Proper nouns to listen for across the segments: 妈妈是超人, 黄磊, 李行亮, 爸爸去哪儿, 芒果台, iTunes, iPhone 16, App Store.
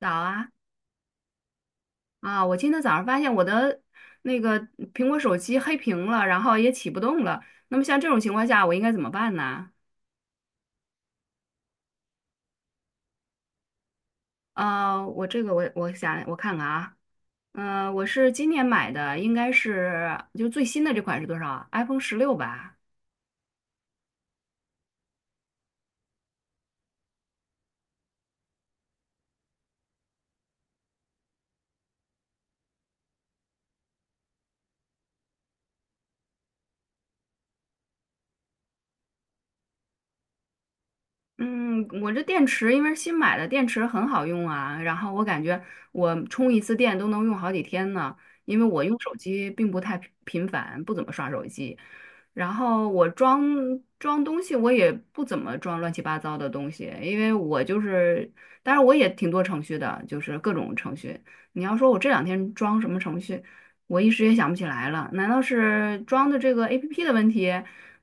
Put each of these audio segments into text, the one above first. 早啊啊！我今天早上发现我的那个苹果手机黑屏了，然后也启不动了。那么像这种情况下，我应该怎么办呢？我这个我想我看看啊，嗯，我是今年买的，应该是就最新的这款是多少 iPhone 16吧。嗯，我这电池因为是新买的，电池很好用啊。然后我感觉我充一次电都能用好几天呢，因为我用手机并不太频繁，不怎么刷手机。然后我装东西，我也不怎么装乱七八糟的东西，因为我就是，当然我也挺多程序的，就是各种程序。你要说我这两天装什么程序，我一时也想不起来了。难道是装的这个 APP 的问题？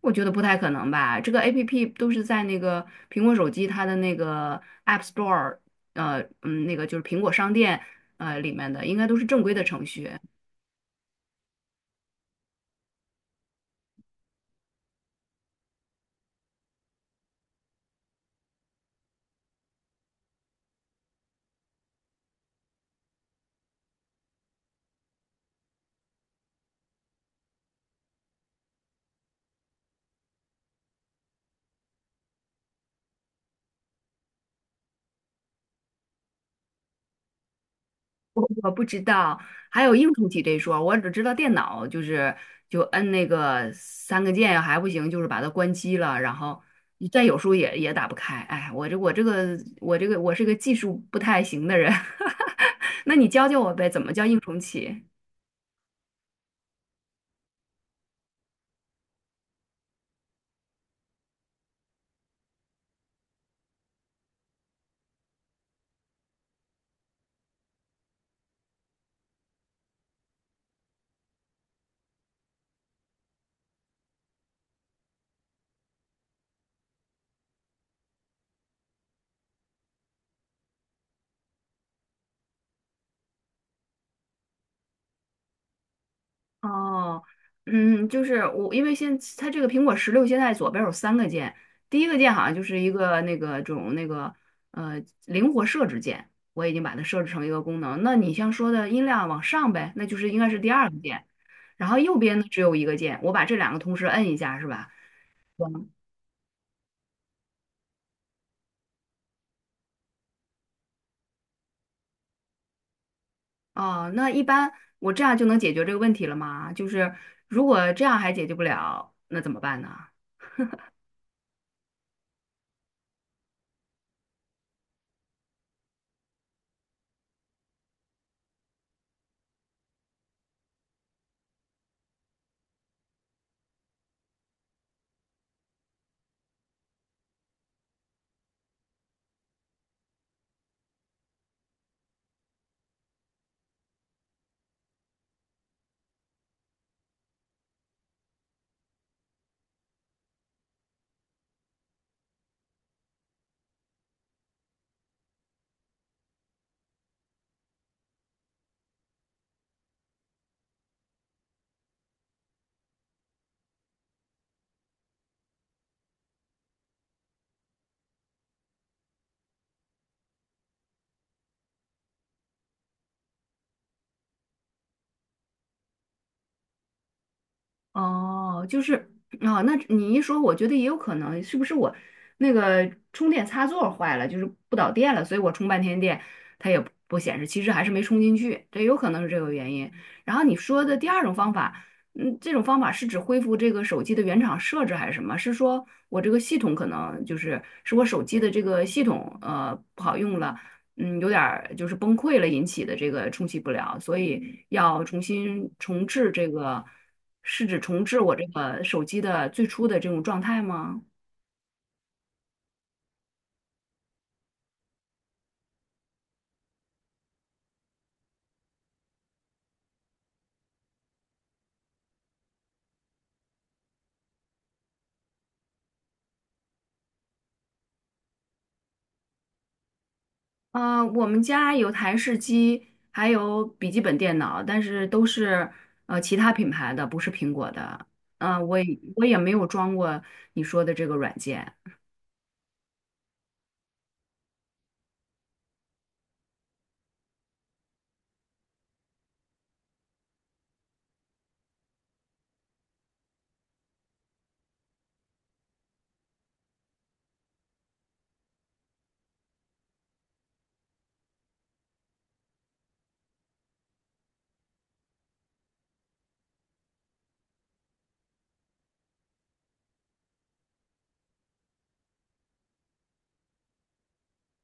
我觉得不太可能吧，这个 APP 都是在那个苹果手机它的那个 App Store，那个就是苹果商店，里面的应该都是正规的程序，我不知道，还有硬重启这一说，我只知道电脑就是就摁那个三个键还不行，就是把它关机了，然后你再有时候也打不开，哎，我这个我是个技术不太行的人，那你教教我呗，怎么叫硬重启？哦，就是我，因为现它这个苹果16现在左边有三个键，第一个键好像就是一个那个种那个灵活设置键，我已经把它设置成一个功能。那你像说的音量往上呗，那就是应该是第二个键，然后右边呢只有一个键，我把这两个同时摁一下是吧？嗯哦，那一般我这样就能解决这个问题了吗？就是如果这样还解决不了，那怎么办呢？哦，就是啊，那你一说，我觉得也有可能，是不是我那个充电插座坏了，就是不导电了，所以我充半天电，它也不显示，其实还是没充进去，这有可能是这个原因。然后你说的第二种方法，嗯，这种方法是指恢复这个手机的原厂设置还是什么？是说我这个系统可能就是我手机的这个系统不好用了，嗯，有点儿就是崩溃了引起的这个冲洗不了，所以要重新重置这个，是指重置我这个手机的最初的这种状态吗？我们家有台式机，还有笔记本电脑，但是都是其他品牌的，不是苹果的。嗯，我也没有装过你说的这个软件。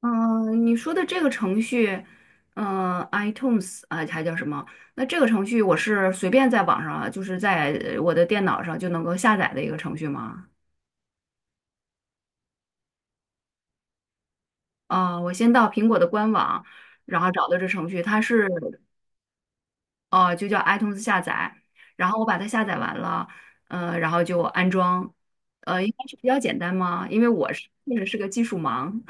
嗯，你说的这个程序，iTunes 啊，还叫什么？那这个程序我是随便在网上啊，就是在我的电脑上就能够下载的一个程序吗？啊，我先到苹果的官网，然后找到这程序，它是就叫 iTunes 下载，然后我把它下载完了，然后就安装，应该是比较简单吗？因为我是确实是个技术盲。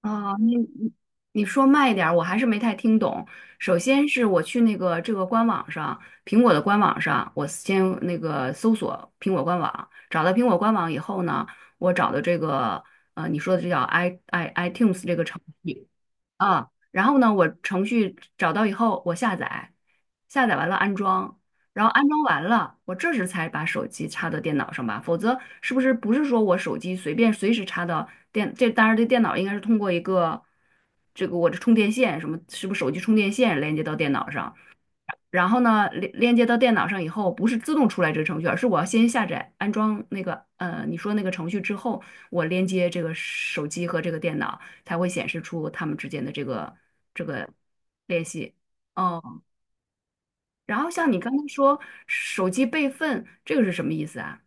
啊，你说慢一点儿，我还是没太听懂。首先是我去那个这个官网上，苹果的官网上，我先那个搜索苹果官网，找到苹果官网以后呢，我找的这个你说的这叫 iTunes 这个程序。啊，然后呢，我程序找到以后，我下载，下载完了安装，然后安装完了，我这时才把手机插到电脑上吧，否则是不是说我手机随便随时插到这当然这电脑应该是通过一个这个我的充电线什么，是不是手机充电线连接到电脑上？然后呢，连接到电脑上以后，不是自动出来这个程序，而是我要先下载安装那个你说那个程序之后，我连接这个手机和这个电脑，才会显示出它们之间的这个联系。哦，然后像你刚才说手机备份，这个是什么意思啊？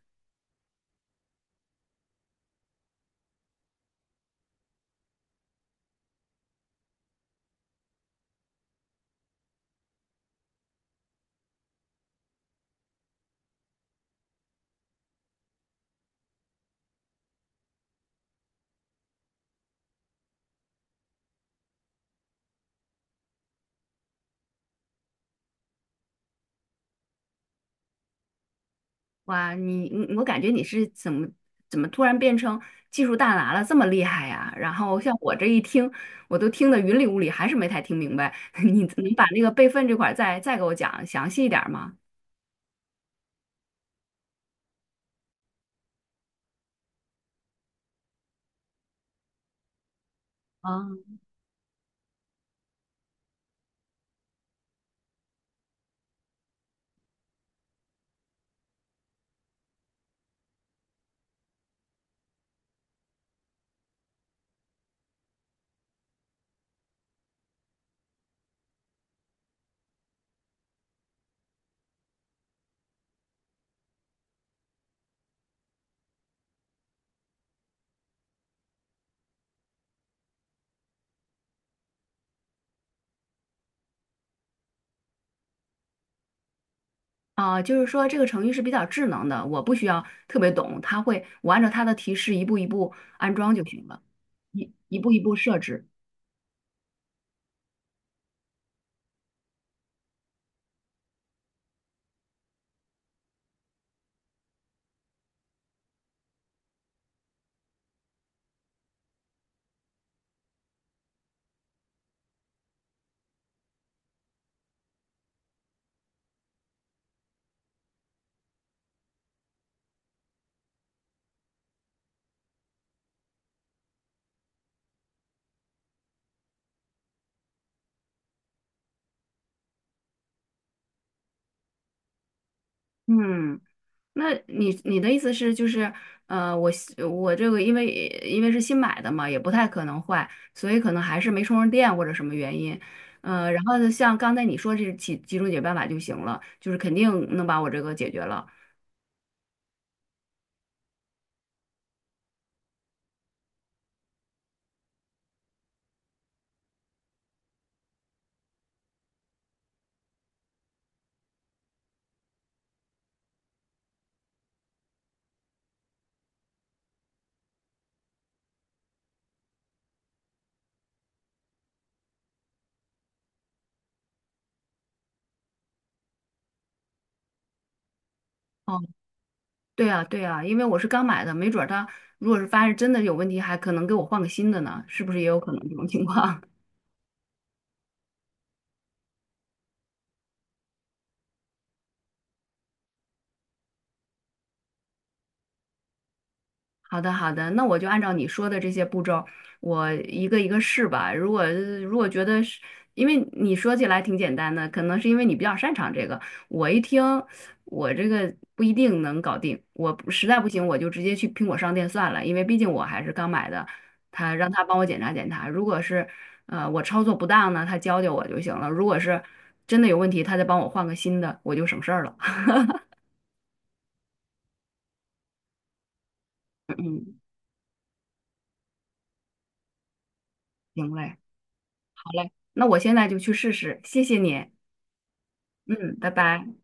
哇，你我感觉你是怎么突然变成技术大拿了，这么厉害呀？然后像我这一听，我都听得云里雾里，还是没太听明白。你把那个备份这块儿再给我讲详细一点儿吗？啊，啊，就是说这个程序是比较智能的，我不需要特别懂，它会我按照它的提示一步一步安装就行了，一步一步设置。嗯。那你的意思是就是，我这个因为是新买的嘛，也不太可能坏，所以可能还是没充上电或者什么原因，然后呢像刚才你说这几种解决办法就行了，就是肯定能把我这个解决了。哦，对啊对啊，因为我是刚买的，没准儿它如果是发现真的有问题，还可能给我换个新的呢，是不是也有可能这种情况？好的，好的，那我就按照你说的这些步骤，我一个一个试吧。如果觉得是，因为你说起来挺简单的，可能是因为你比较擅长这个。我一听，我这个不一定能搞定。我不实在不行，我就直接去苹果商店算了，因为毕竟我还是刚买的。让他帮我检查检查，如果是我操作不当呢，他教教我就行了。如果是真的有问题，他再帮我换个新的，我就省事儿了。行嘞，好嘞，那我现在就去试试，谢谢你。嗯，拜拜。